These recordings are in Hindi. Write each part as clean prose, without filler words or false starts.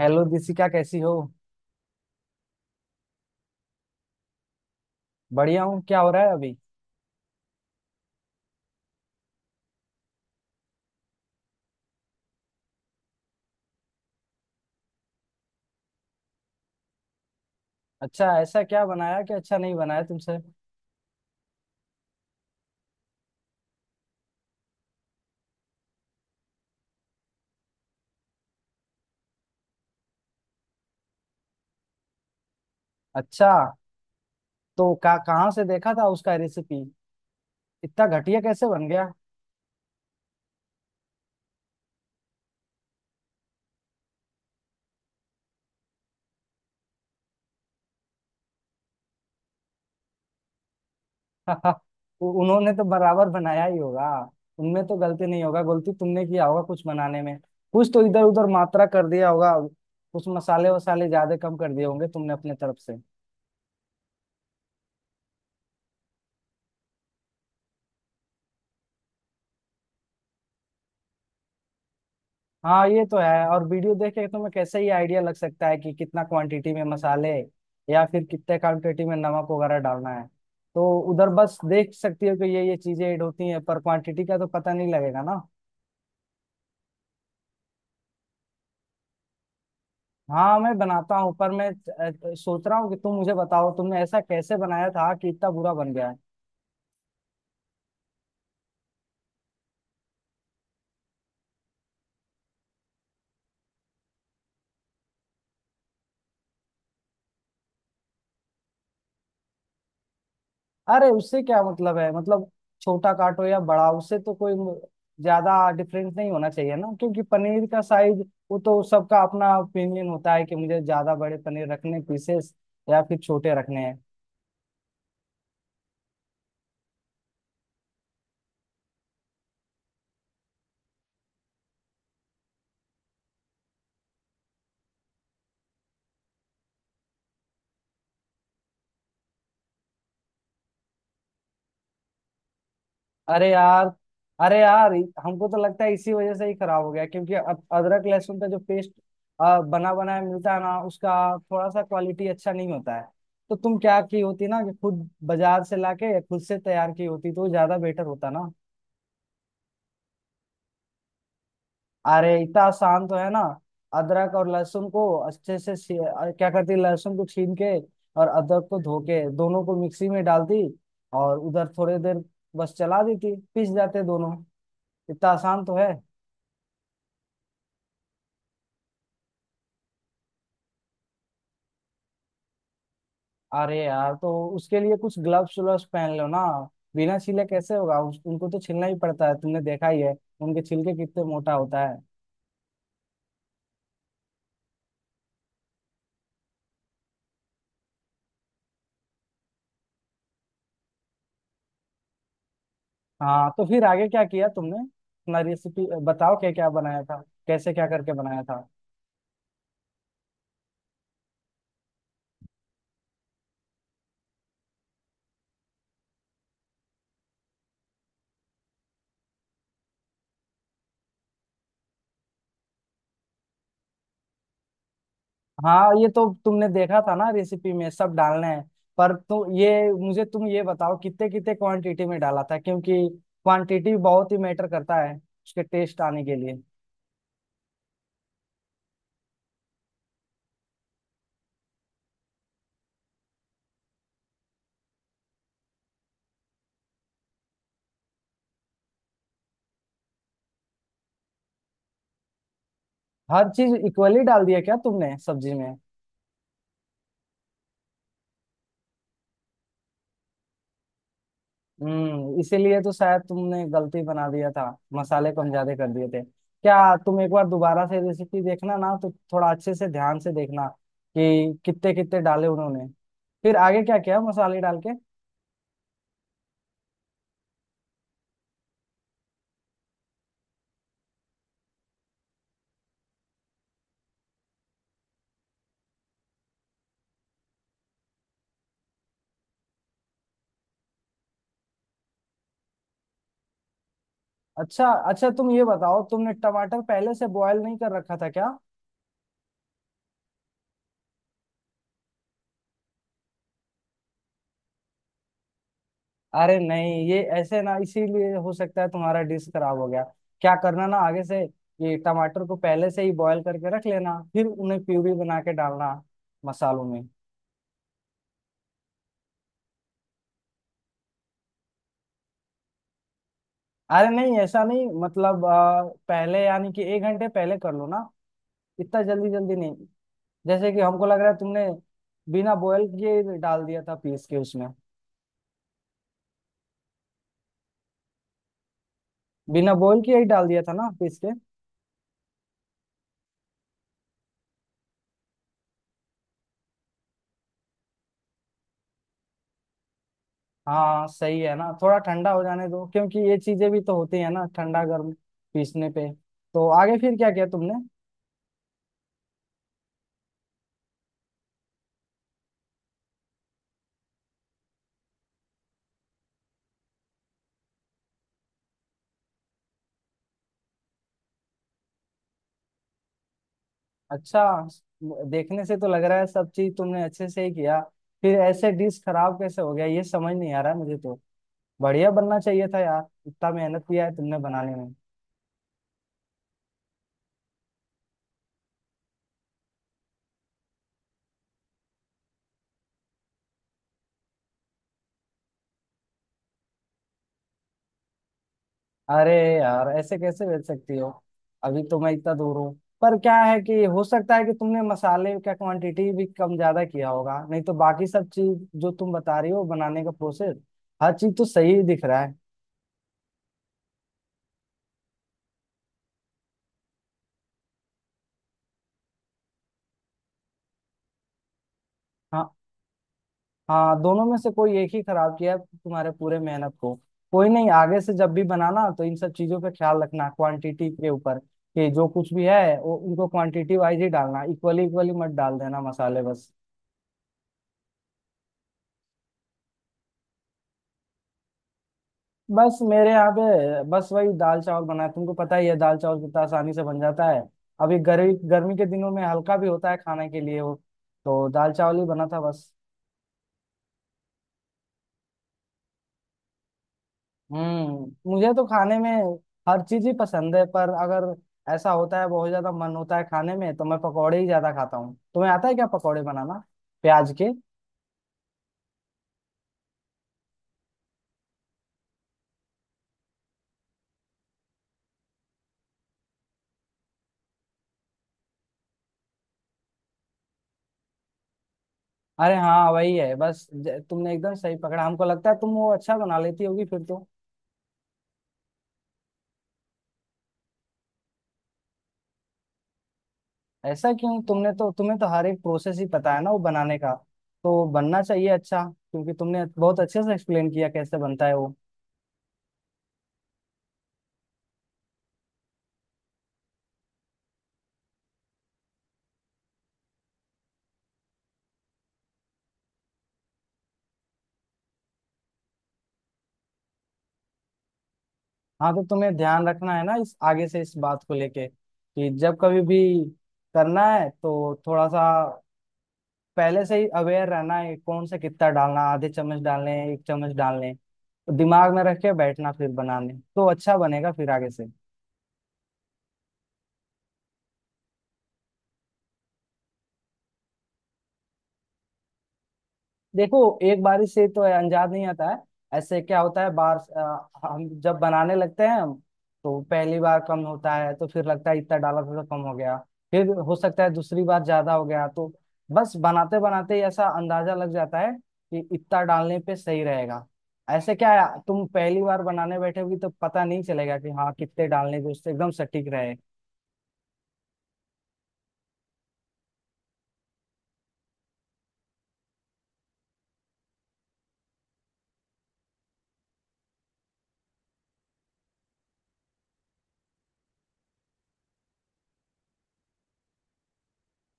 हेलो दिशिका, कैसी हो। बढ़िया हूँ, क्या हो रहा है अभी। अच्छा, ऐसा क्या बनाया कि अच्छा नहीं बनाया तुमसे। अच्छा, तो का कहाँ से देखा था उसका रेसिपी। इतना घटिया कैसे बन गया। उन्होंने तो बराबर बनाया ही होगा। उनमें तो गलती नहीं होगा, गलती तुमने किया होगा कुछ बनाने में। कुछ तो इधर उधर मात्रा कर दिया होगा। कुछ मसाले वसाले ज्यादा कम कर दिए होंगे तुमने अपने तरफ से। हाँ, ये तो है। और वीडियो देख के तुम्हें कैसे ही आइडिया लग सकता है कि कितना क्वांटिटी में मसाले या फिर कितने क्वांटिटी में नमक वगैरह डालना है। तो उधर बस देख सकती हो कि ये चीजें ऐड होती हैं, पर क्वांटिटी का तो पता नहीं लगेगा ना। हाँ, मैं बनाता हूँ, पर मैं सोच रहा हूँ कि तुम मुझे बताओ तुमने ऐसा कैसे बनाया था कि इतना बुरा बन गया है। अरे, उससे क्या मतलब है, मतलब छोटा काटो या बड़ा, उससे तो कोई ज्यादा डिफरेंस नहीं होना चाहिए ना, क्योंकि पनीर का साइज वो तो सबका अपना ओपिनियन होता है कि मुझे ज्यादा बड़े पनीर रखने पीसेस या फिर छोटे रखने हैं। अरे यार, अरे यार, हमको तो लगता है इसी वजह से ही खराब हो गया, क्योंकि अदरक लहसुन का जो पेस्ट बना बनाया मिलता है ना, उसका थोड़ा सा क्वालिटी अच्छा नहीं होता है। तो तुम क्या की होती ना कि खुद बाजार से लाके या खुद से तैयार की होती तो ज्यादा बेटर होता ना। अरे, इतना आसान तो है ना। अदरक और लहसुन को अच्छे से क्या करती, लहसुन को छील के और अदरक को धो के दोनों को मिक्सी में डालती और उधर थोड़ी देर बस चला देती, पिस जाते दोनों। इतना आसान तो है। अरे यार, तो उसके लिए कुछ ग्लव्स व्लव्स पहन लो ना। बिना छीले कैसे होगा, उनको तो छीलना ही पड़ता है, तुमने देखा ही है उनके छिलके कितने मोटा होता है। हाँ, तो फिर आगे क्या किया तुमने, अपना रेसिपी बताओ क्या क्या बनाया था। कैसे क्या करके बनाया था। हाँ, ये तो तुमने देखा था ना रेसिपी में सब डालना है, पर तुम ये बताओ कितने कितने क्वांटिटी में डाला था, क्योंकि क्वांटिटी बहुत ही मैटर करता है उसके टेस्ट आने के लिए। हर चीज इक्वली डाल दिया क्या तुमने सब्जी में। हम्म, इसीलिए तो शायद तुमने गलती बना दिया था, मसाले कम ज्यादा कर दिए थे क्या। तुम एक बार दोबारा से रेसिपी देखना ना, तो थोड़ा अच्छे से ध्यान से देखना कि कितने कितने डाले उन्होंने। फिर आगे क्या किया मसाले डाल के। अच्छा अच्छा, तुम ये बताओ तुमने टमाटर पहले से बॉयल नहीं कर रखा था क्या। अरे नहीं, ये ऐसे ना, इसीलिए हो सकता है तुम्हारा डिश खराब हो गया। क्या करना ना आगे से, ये टमाटर को पहले से ही बॉयल करके रख लेना, फिर उन्हें प्यूरी बना के डालना मसालों में। अरे नहीं, ऐसा नहीं, मतलब पहले यानी कि 1 घंटे पहले कर लो ना, इतना जल्दी जल्दी नहीं। जैसे कि हमको लग रहा है तुमने बिना बॉयल किए ही डाल दिया था पीस के उसमें। बिना बॉयल किए ही डाल दिया था ना पीस के। हाँ, सही है ना, थोड़ा ठंडा हो जाने दो, क्योंकि ये चीजें भी तो होती है ना ठंडा गर्म पीसने पे। तो आगे फिर क्या किया तुमने। अच्छा, देखने से तो लग रहा है सब चीज तुमने अच्छे से ही किया। फिर ऐसे डिश खराब कैसे हो गया, ये समझ नहीं आ रहा है मुझे तो। बढ़िया बनना चाहिए था यार, इतना मेहनत किया है तुमने बनाने में। अरे यार, ऐसे कैसे बेच सकती हो, अभी तो मैं इतना दूर हूँ। पर क्या है कि हो सकता है कि तुमने मसाले का क्वांटिटी भी कम ज्यादा किया होगा, नहीं तो बाकी सब चीज जो तुम बता रही हो बनाने का प्रोसेस, हर चीज तो सही ही दिख रहा है। हाँ, हाँ, दोनों में से कोई एक ही खराब किया है तुम्हारे पूरे मेहनत को। कोई नहीं, आगे से जब भी बनाना तो इन सब चीजों पे ख्याल रखना क्वांटिटी के ऊपर, कि जो कुछ भी है वो उनको क्वांटिटी वाइज ही डालना, इक्वली इक्वली मत डाल देना मसाले बस। बस मेरे यहाँ पे बस वही दाल चावल बना है, तुमको पता ही है दाल चावल कितना आसानी से बन जाता है। अभी गर्मी गर्मी के दिनों में हल्का भी होता है खाने के लिए वो, तो दाल चावल ही बना था बस। हम्म, मुझे तो खाने में हर चीज ही पसंद है, पर अगर ऐसा होता है बहुत ज्यादा मन होता है खाने में, तो मैं पकौड़े ही ज्यादा खाता हूँ। तुम्हें आता है क्या पकौड़े बनाना, प्याज के। अरे हाँ, वही है बस, तुमने एकदम सही पकड़ा, हमको लगता है तुम वो अच्छा बना लेती होगी फिर तो। ऐसा क्यों, तुमने तो, तुम्हें तो हर एक प्रोसेस ही पता है ना वो बनाने का, तो बनना चाहिए अच्छा, क्योंकि तुमने बहुत अच्छे से एक्सप्लेन किया कैसे बनता है वो। हाँ, तो तुम्हें ध्यान रखना है ना इस आगे से इस बात को लेके, कि जब कभी भी करना है तो थोड़ा सा पहले से ही अवेयर रहना है, कौन सा कितना डालना, ½ चम्मच डालने हैं, 1 चम्मच डालने हैं। तो दिमाग में रख के बैठना फिर बनाने, तो अच्छा बनेगा फिर आगे से। देखो, एक बारिश से तो अंजाद नहीं आता है। ऐसे क्या होता है, हम जब बनाने लगते हैं हम, तो पहली बार कम होता है तो फिर लगता है इतना डाला था तो कम हो गया। फिर हो सकता है दूसरी बार ज्यादा हो गया, तो बस बनाते बनाते ही ऐसा अंदाजा लग जाता है कि इतना डालने पे सही रहेगा। ऐसे क्या है, तुम पहली बार बनाने बैठोगी तो पता नहीं चलेगा कि हाँ कितने डालने जो उससे एकदम सटीक रहे।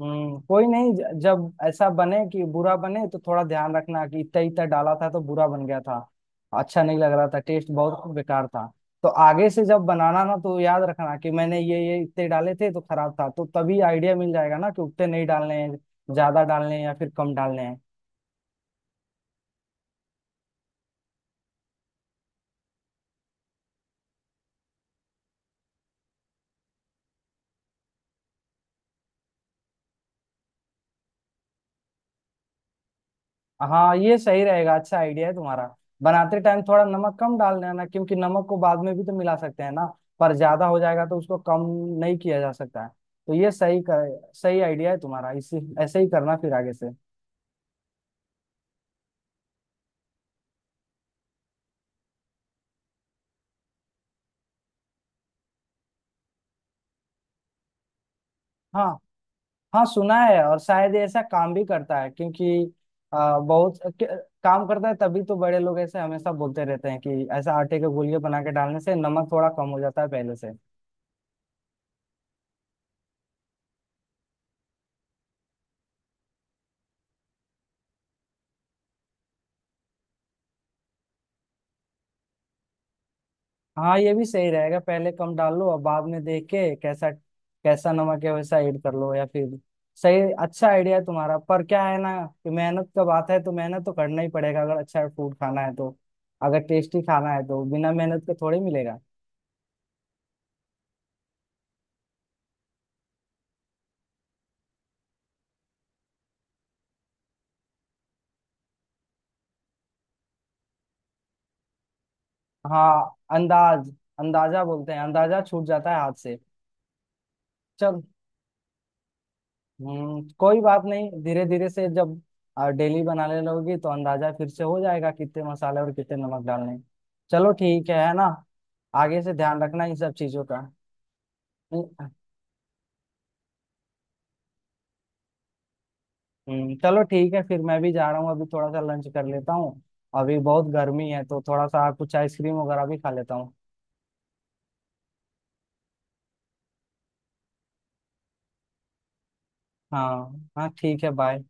हम्म, कोई नहीं, जब ऐसा बने कि बुरा बने तो थोड़ा ध्यान रखना कि इतना इतना डाला था तो बुरा बन गया था, अच्छा नहीं लग रहा था, टेस्ट बहुत बेकार था। तो आगे से जब बनाना ना, तो याद रखना कि मैंने ये इतने डाले थे तो खराब था, तो तभी आइडिया मिल जाएगा ना कि उतने नहीं डालने हैं, ज्यादा डालने हैं या फिर कम डालने हैं। हाँ, ये सही रहेगा, अच्छा आइडिया है तुम्हारा। बनाते टाइम थोड़ा नमक कम डाल देना, क्योंकि नमक को बाद में भी तो मिला सकते हैं ना, पर ज्यादा हो जाएगा तो उसको कम नहीं किया जा सकता है। तो ये सही आइडिया है तुम्हारा, इसी ऐसे ही करना फिर आगे से। हाँ हाँ, सुना है, और शायद ये ऐसा काम भी करता है, क्योंकि बहुत काम करता है, तभी तो बड़े लोग ऐसे हमेशा बोलते रहते हैं कि ऐसा आटे के गोलिये बना के डालने से नमक थोड़ा कम हो जाता है पहले से। हाँ, ये भी सही रहेगा, पहले कम डाल लो और बाद में देख के कैसा कैसा नमक है वैसा ऐड कर लो, या फिर सही, अच्छा आइडिया है तुम्हारा। पर क्या है ना, कि मेहनत का बात है तो मेहनत तो करना ही पड़ेगा, अगर अच्छा फूड खाना है तो, अगर टेस्टी खाना है तो बिना मेहनत के थोड़ी मिलेगा। हाँ, अंदाज, अंदाजा बोलते हैं, अंदाजा छूट जाता है हाथ से। चल, हम्म, कोई बात नहीं, धीरे धीरे से जब डेली बनाने लगोगी तो अंदाजा फिर से हो जाएगा कितने मसाले और कितने नमक डालने हैं। चलो ठीक है ना, आगे से ध्यान रखना इन सब चीजों का। हम्म, चलो ठीक है, फिर मैं भी जा रहा हूँ अभी, थोड़ा सा लंच कर लेता हूँ। अभी बहुत गर्मी है तो थोड़ा सा कुछ आइसक्रीम वगैरह भी खा लेता हूँ। हाँ हाँ, ठीक है, बाय।